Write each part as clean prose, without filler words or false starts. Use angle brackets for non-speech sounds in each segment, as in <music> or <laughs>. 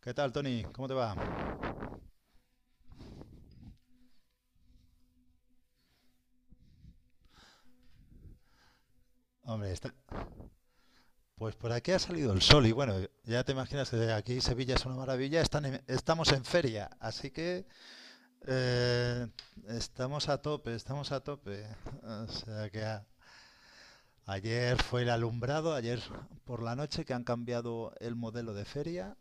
¿Qué tal, Tony? ¿Cómo te va? Hombre, está... pues por aquí ha salido el sol y bueno, ya te imaginas que aquí Sevilla es una maravilla, estamos en feria, así que eh, estamos a tope, estamos a tope. O sea que ayer fue el alumbrado, ayer por la noche que han cambiado el modelo de feria,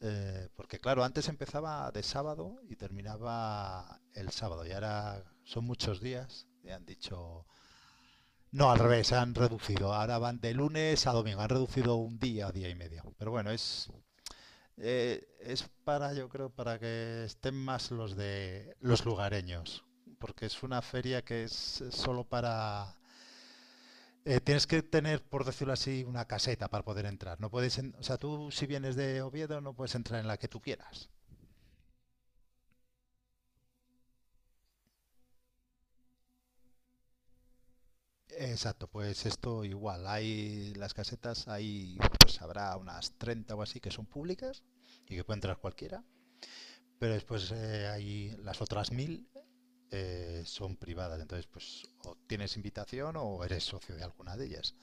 porque claro, antes empezaba de sábado y terminaba el sábado y ahora son muchos días y han dicho... No, al revés, han reducido. Ahora van de lunes a domingo. Han reducido un día, día y medio. Pero bueno, es para, yo creo, para que estén más los de los lugareños. Porque es una feria que es solo para... tienes que tener, por decirlo así, una caseta para poder entrar. No puedes, o sea, tú si vienes de Oviedo no puedes entrar en la que tú quieras. Exacto, pues esto igual. Hay las casetas, pues habrá unas 30 o así que son públicas y que puede entrar cualquiera. Pero después hay las otras mil son privadas, entonces pues o tienes invitación o eres socio de alguna de ellas.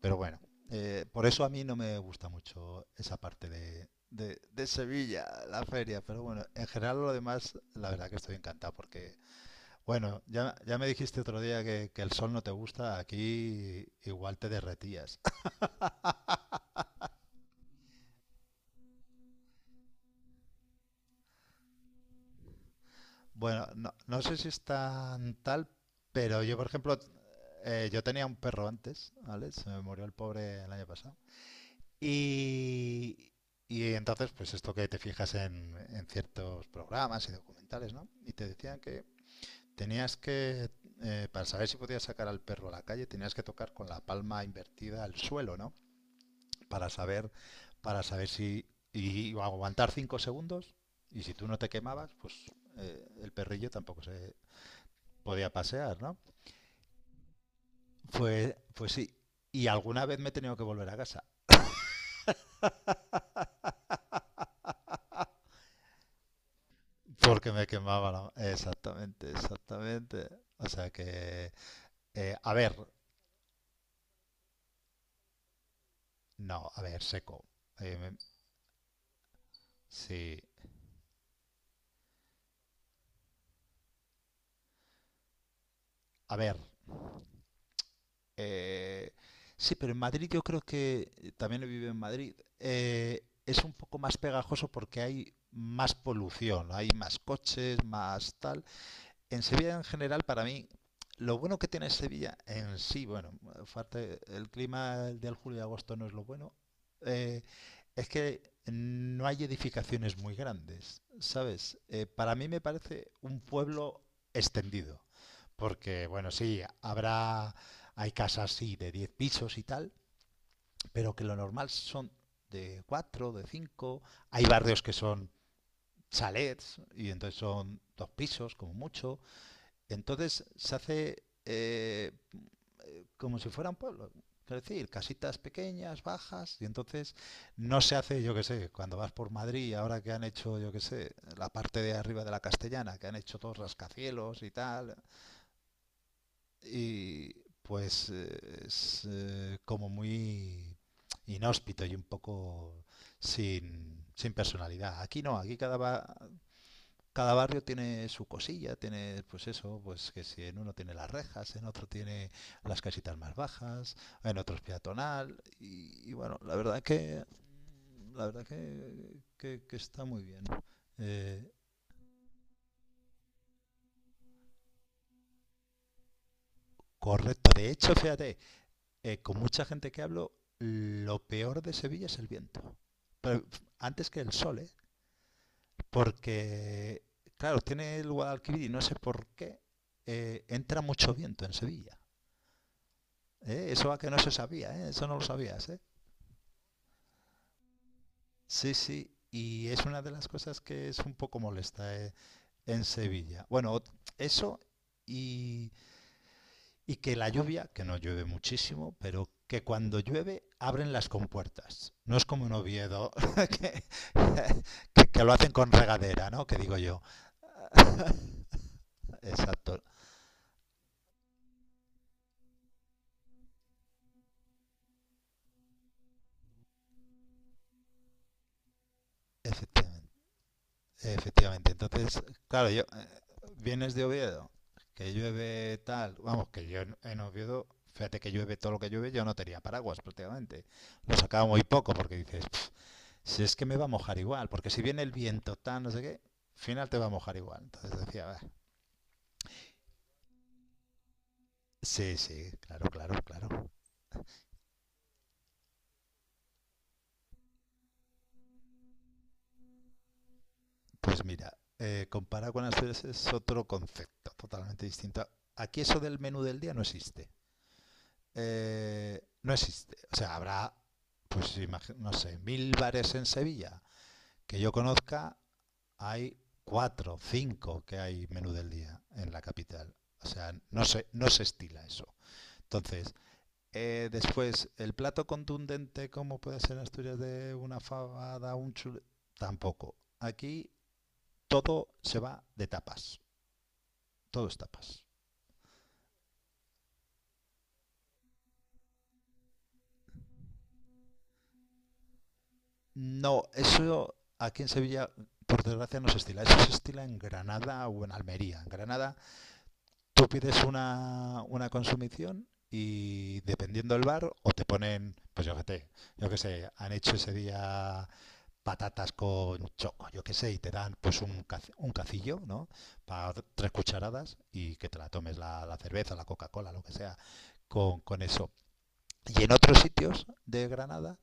Pero bueno, por eso a mí no me gusta mucho esa parte de Sevilla, la feria. Pero bueno, en general lo demás, la verdad que estoy encantado porque, bueno, ya me dijiste otro día que el sol no te gusta, aquí igual te derretías. Bueno, no sé si es tan tal, pero yo, por ejemplo, yo tenía un perro antes, ¿vale? Se me murió el pobre el año pasado. Y, y entonces, pues esto que te fijas en ciertos programas y documentales, ¿no? Y te decían que tenías que, para saber si podías sacar al perro a la calle, tenías que tocar con la palma invertida al suelo, ¿no? Para saber, para saber si... Y aguantar 5 segundos, y si tú no te quemabas, pues el perrillo tampoco se podía pasear, ¿no? Pues, sí. Y alguna vez me he tenido que volver a casa porque me quemaba la... Exactamente, exactamente. O sea que... a ver, no, a ver, seco. Eh, me- sí, a ver. eh, sí, pero en Madrid yo creo que, también he vivido en Madrid, es un poco más pegajoso porque hay más polución, hay más coches, más tal. En Sevilla en general, para mí, lo bueno que tiene Sevilla en sí, bueno, aparte, el clima del julio y agosto no es lo bueno, eh, es que no hay edificaciones muy grandes, ¿sabes? Para mí me parece un pueblo extendido, porque, bueno, sí, hay casas, sí, de 10 pisos y tal, pero que lo normal son de 4, de 5, hay barrios que son chalets y entonces son dos pisos como mucho, entonces se hace como si fuera un pueblo. Quiero decir, casitas pequeñas, bajas, y entonces no se hace, yo qué sé, cuando vas por Madrid, ahora que han hecho, yo qué sé, la parte de arriba de la Castellana, que han hecho todos rascacielos y tal, y pues es como muy inhóspito y un poco sin, sin personalidad. Aquí no, aquí cada barrio tiene su cosilla, tiene pues eso, pues que si en uno tiene las rejas, en otro tiene las casitas más bajas, en otro es peatonal y bueno, la verdad que está muy bien. Eh, Correcto. De hecho, fíjate, con mucha gente que hablo, lo peor de Sevilla es el viento. Pero antes que el sol, ¿eh? Porque, claro, tiene el Guadalquivir y no sé por qué, entra mucho viento en Sevilla. ¿Eh? Eso a que no se sabía, ¿eh? Eso no lo sabías, ¿eh? Sí, sí. Y es una de las cosas que es un poco molesta, ¿eh? En Sevilla. Bueno, eso y, y que la lluvia, que no llueve muchísimo, pero que cuando llueve abren las compuertas. No es como en Oviedo, <laughs> que, que lo hacen con regadera, ¿no? Que digo yo. <laughs> Exacto, efectivamente. Efectivamente. Entonces, claro, yo vienes de Oviedo, que llueve tal, vamos, que yo en Oviedo, fíjate que llueve todo lo que llueve, yo no tenía paraguas prácticamente. Lo sacaba muy poco porque dices, "Pf, si es que me va a mojar igual, porque si viene el viento tal, no sé qué, al final te va a mojar igual". Entonces decía, "Bah". Sí, sí, claro, claro, claro. Pues mira, comparado con Asturias es otro concepto totalmente distinto. Aquí eso del menú del día no existe. No existe. O sea, pues no sé, mil bares en Sevilla. Que yo conozca, hay cuatro, cinco que hay menú del día en la capital. O sea, no se estila eso. Entonces, después, el plato contundente, como puede ser en Asturias de una fabada, un chule. Tampoco. Aquí todo se va de tapas. Todo es tapas. No, eso aquí en Sevilla, por desgracia, no se estila. Eso se estila en Granada o en Almería. En Granada tú pides una consumición y dependiendo del bar, o te ponen, pues yo qué sé, han hecho ese día patatas con choco, yo qué sé, y te dan pues un cacillo, ¿no? Para tres cucharadas y que te la tomes la cerveza, la Coca-Cola, lo que sea, con eso. Y en otros sitios de Granada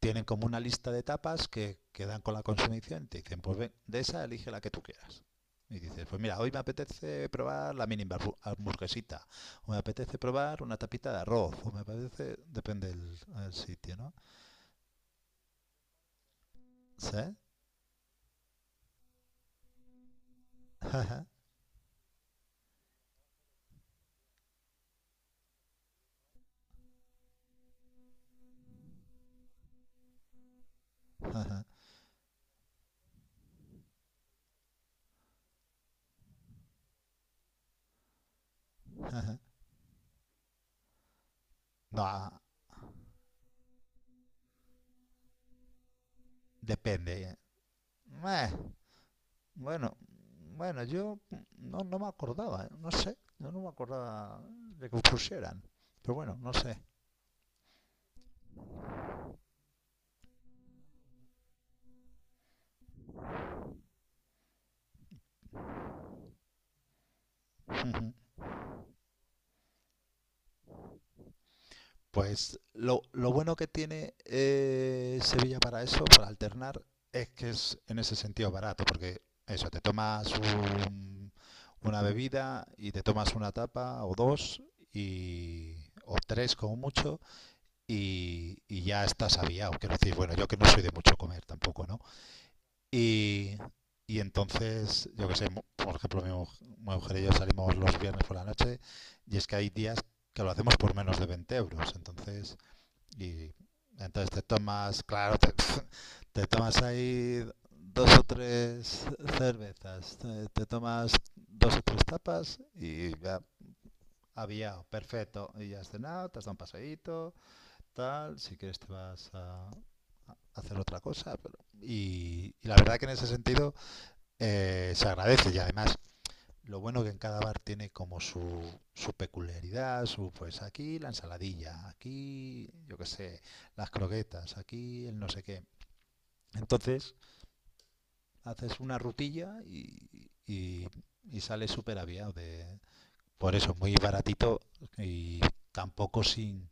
tienen como una lista de tapas que dan con la consumición y te dicen, pues ven, de esa elige la que tú quieras. Y dices, pues mira, hoy me apetece probar la mini hamburguesita, o me apetece probar una tapita de arroz, o me apetece, depende del el sitio, ¿no? ¿Sí? <laughs> no, depende. ¿Eh? Bueno, bueno, yo no me acordaba, ¿eh? No sé, yo no me acordaba de que pusieran, pero bueno, no sé. <laughs> Pues lo bueno que tiene Sevilla para eso, para alternar, es que es en ese sentido barato, porque eso, te tomas una bebida y te tomas una tapa o dos y, o tres como mucho y ya estás aviado. Quiero decir, bueno, yo que no soy de mucho comer tampoco, ¿no? Y, y entonces, yo que sé, por ejemplo, mi mujer y yo salimos los viernes por la noche y es que hay días que lo hacemos por menos de 20 euros. Entonces... Y entonces te tomas, claro, te, <laughs> te tomas ahí dos o tres cervezas, te tomas dos o tres tapas y ya, aviado, perfecto. Y ya has cenado, te has dado un paseíto, tal, si quieres te vas a hacer otra cosa. Pero y la verdad que en ese sentido se agradece y además lo bueno que en cada bar tiene como su peculiaridad, su pues aquí la ensaladilla, aquí yo qué sé, las croquetas, aquí el no sé qué. Entonces haces una rutilla y sale súper aviado. Por eso, muy baratito y tampoco sin,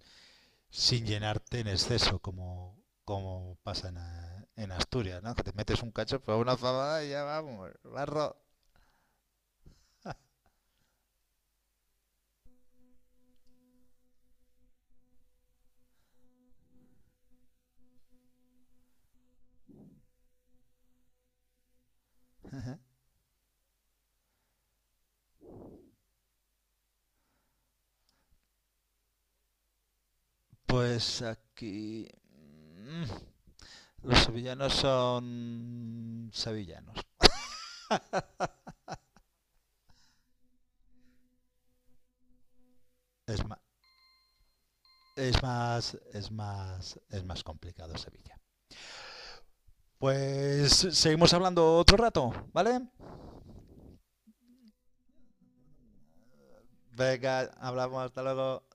sin llenarte en exceso, como pasa en, en Asturias, ¿no? Que te metes un cacho por una fabada y ya vamos, barro. Ajá. Pues aquí... los sevillanos son sevillanos. Es más, es más, es más, es más complicado Sevilla. Pues seguimos hablando otro rato, ¿vale? Venga, hablamos, hasta luego.